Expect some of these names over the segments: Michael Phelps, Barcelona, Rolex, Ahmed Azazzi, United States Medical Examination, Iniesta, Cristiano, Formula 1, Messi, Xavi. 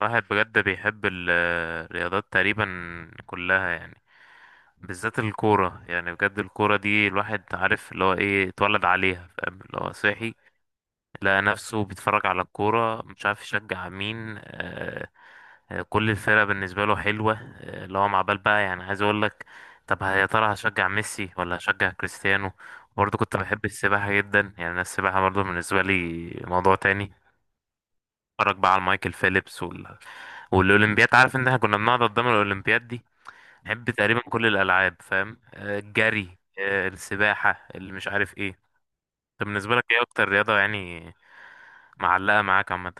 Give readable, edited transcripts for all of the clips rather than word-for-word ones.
واحد بجد بيحب الرياضات تقريبا كلها يعني، بالذات الكورة. يعني بجد الكورة دي الواحد عارف اللي هو ايه، اتولد عليها، فاهم اللي هو صحي. لقى نفسه بيتفرج على الكورة مش عارف يشجع مين. آه آه، كل الفرق بالنسبة له حلوة. آه، اللي هو مع بال بقى، يعني عايز اقول لك، طب يا ترى هشجع ميسي ولا هشجع كريستيانو؟ برضه كنت بحب السباحة جدا، يعني أنا السباحة برضه بالنسبة لي موضوع تاني. اتفرج بقى على مايكل فيليبس والاولمبياد، عارف ان احنا كنا بنقعد قدام الاولمبياد دي، نحب تقريبا كل الالعاب. فاهم؟ آه، الجري آه، السباحه اللي مش عارف ايه. طب بالنسبه لك ايه اكتر رياضه يعني معلقه معاك عامه؟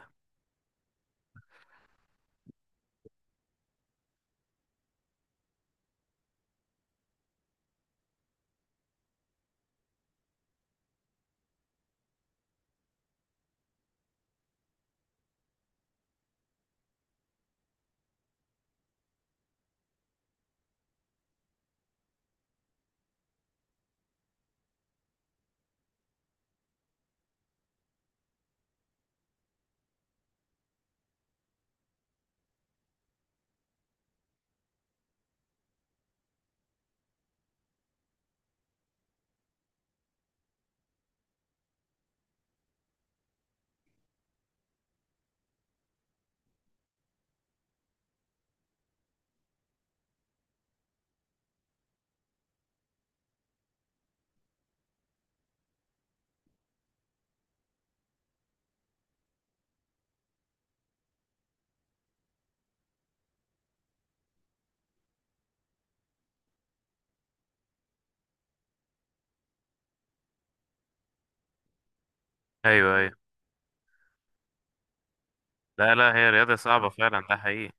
ايوه ايوه. لا لا، هي رياضه صعبه فعلا، ده حقيقي.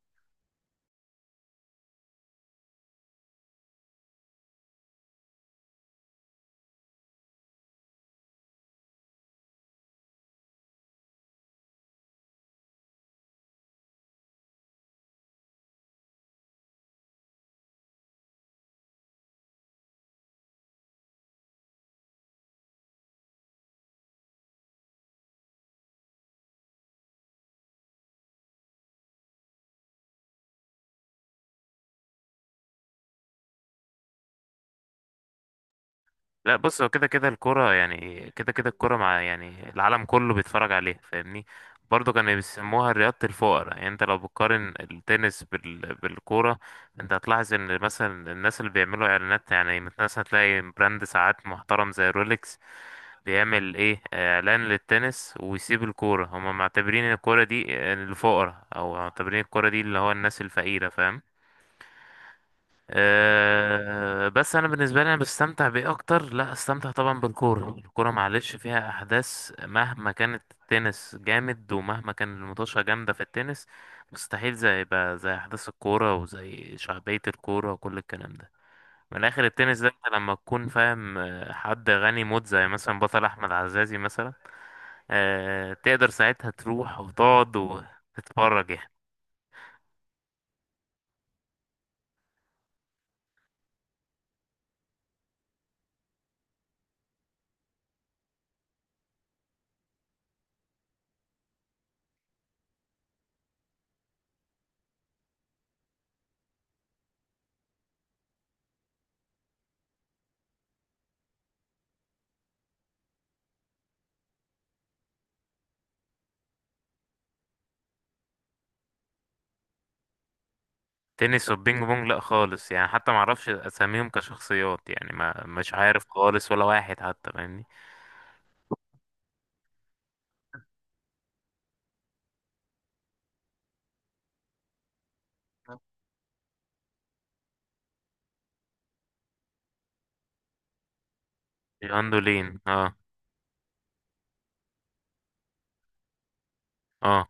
لا بص، هو كده كده الكرة، يعني كده كده الكرة مع يعني العالم كله بيتفرج عليها، فاهمني؟ برضه كانوا بيسموها رياضة الفقراء. يعني انت لو بتقارن التنس بالكورة، انت هتلاحظ ان مثلا الناس اللي بيعملوا اعلانات، يعني مثلا تلاقي براند ساعات محترم زي رولكس بيعمل ايه، اعلان للتنس ويسيب الكورة. هما معتبرين الكورة دي الفقراء، او معتبرين الكورة دي اللي هو الناس الفقيرة، فاهم؟ أه بس انا بالنسبه لي انا بستمتع بايه اكتر؟ لا، استمتع طبعا بالكوره. الكوره معلش فيها احداث، مهما كانت التنس جامد ومهما كان المطوشه جامده في التنس، مستحيل زي بقى زي احداث الكوره وزي شعبيه الكوره وكل الكلام ده. من الاخر، التنس ده انت لما تكون فاهم آه، حد غني موت زي مثلا بطل احمد عزازي مثلا، أه تقدر ساعتها تروح وتقعد وتتفرج يعني. تنس والبينج بونج لا خالص، يعني حتى ما اعرفش اساميهم كشخصيات يعني، ما مش عارف خالص ولا واحد حتى، فاهمني؟ جاندولين اه اه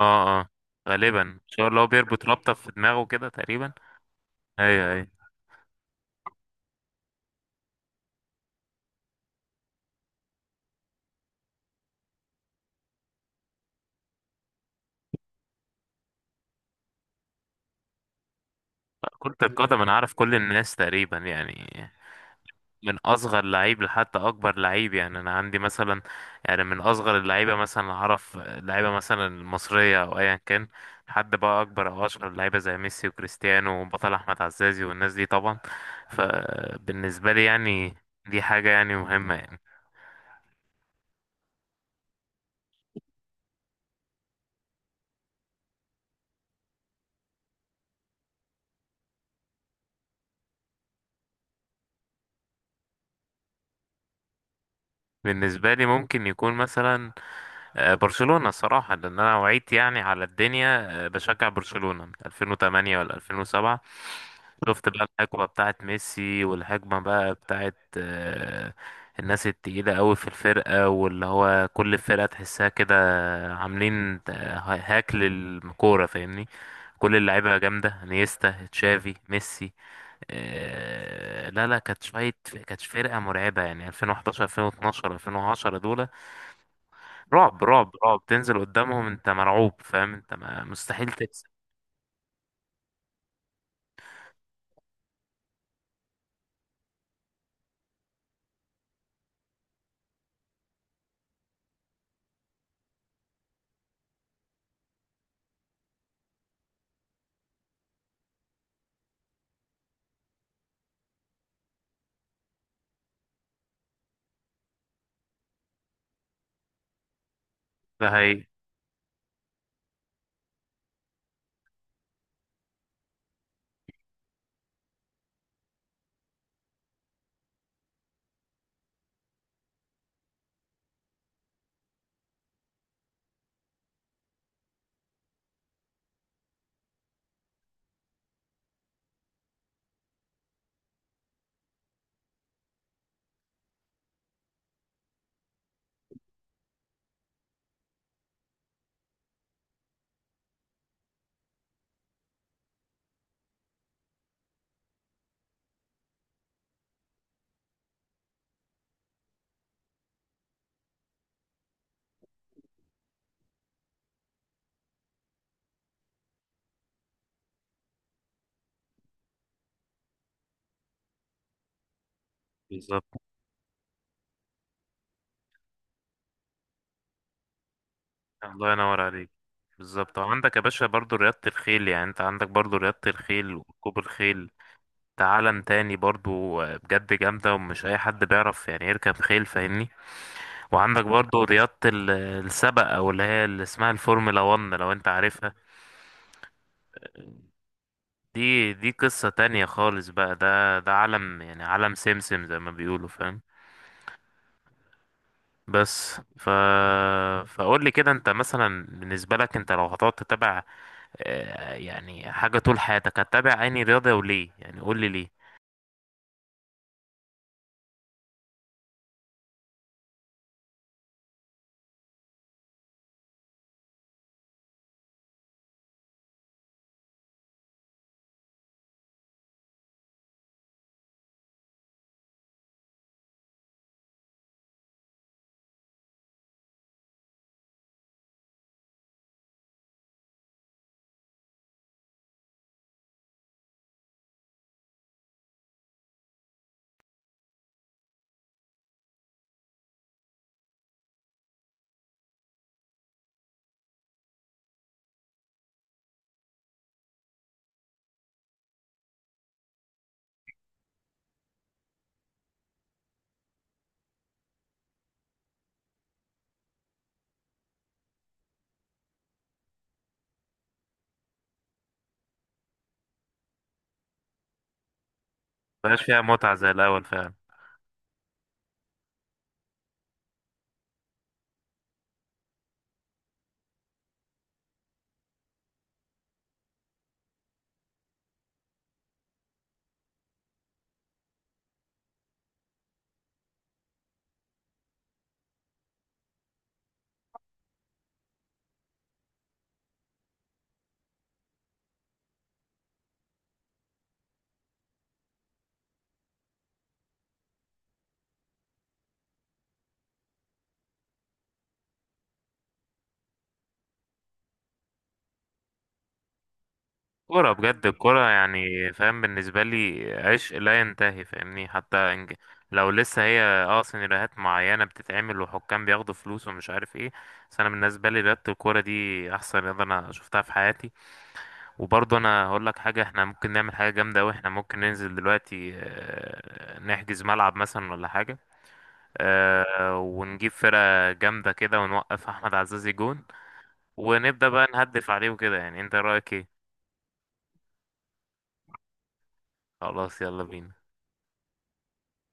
اه اه. غالبا ان شاء الله هو بيربط رابطة في دماغه كده تقريبا. ايوه ايوه. كرة القدم انا عارف كل الناس تقريبا يعني، من اصغر لعيب لحتى اكبر لعيب. يعني انا عندي مثلا، يعني من اصغر اللعيبه مثلا اعرف لعيبه مثلا المصريه او ايا كان، لحد بقى اكبر او اشهر لعيبه زي ميسي وكريستيانو وبطل احمد عزازي والناس دي طبعا. فبالنسبه لي يعني دي حاجه يعني مهمه يعني. بالنسبه لي ممكن يكون مثلا آه، برشلونه الصراحه، لان انا وعيت يعني على الدنيا آه، بشجع برشلونه من 2008 ولا 2007. شفت بقى الحقبة بتاعت ميسي والحقبة بقى بتاعت آه، الناس التقيلة قوي في الفرقة، واللي هو كل فرقة تحسها كده عاملين هاك للكورة، فاهمني؟ كل اللعيبة جامدة، انيستا، تشافي، ميسي. آه، لا لا، كانت شوية، كانت فرقة مرعبة يعني 2011، 2012، 2010 دول. رعب رعب رعب، تنزل قدامهم انت مرعوب، فاهم انت؟ ما مستحيل تكسب. ده هي. الله ينور عليك. بالظبط. وعندك يا باشا برضو رياضة الخيل، يعني انت عندك برضو رياضة الخيل وركوب الخيل، ده عالم تاني برضو بجد، جامدة ومش أي حد بيعرف يعني يركب خيل، فاهمني؟ وعندك برضو السبق، أو اللي هي اللي اسمها الفورمولا 1 لو انت عارفها. دي دي قصة تانية خالص بقى، ده ده عالم يعني عالم سمسم زي ما بيقولوا، فاهم؟ بس ف فقول لي كده، انت مثلا بالنسبة لك، انت لو هتقعد تتابع آه، يعني حاجة طول حياتك، هتتابع عيني رياضة وليه؟ يعني قول لي ليه. مبقاش فيها متعة زي الأول فعلا. كورة بجد، الكورة يعني فاهم، بالنسبة لي عشق لا ينتهي، فاهمني؟ حتى إنج- لو لسه هي اه سيناريوهات معينة بتتعمل وحكام بياخدوا فلوس ومش عارف ايه، بس أنا بالنسبة لي رياضة الكورة دي أحسن رياضة أنا شفتها في حياتي. وبرضه أنا هقول لك حاجة، احنا ممكن نعمل حاجة جامدة أوي. احنا ممكن ننزل دلوقتي آه، نحجز ملعب مثلا ولا حاجة، آه، ونجيب فرقة جامدة كده، ونوقف أحمد عزازي جون، ونبدأ بقى نهدف عليه وكده. يعني أنت رأيك إيه؟ خلاص يلا بينا.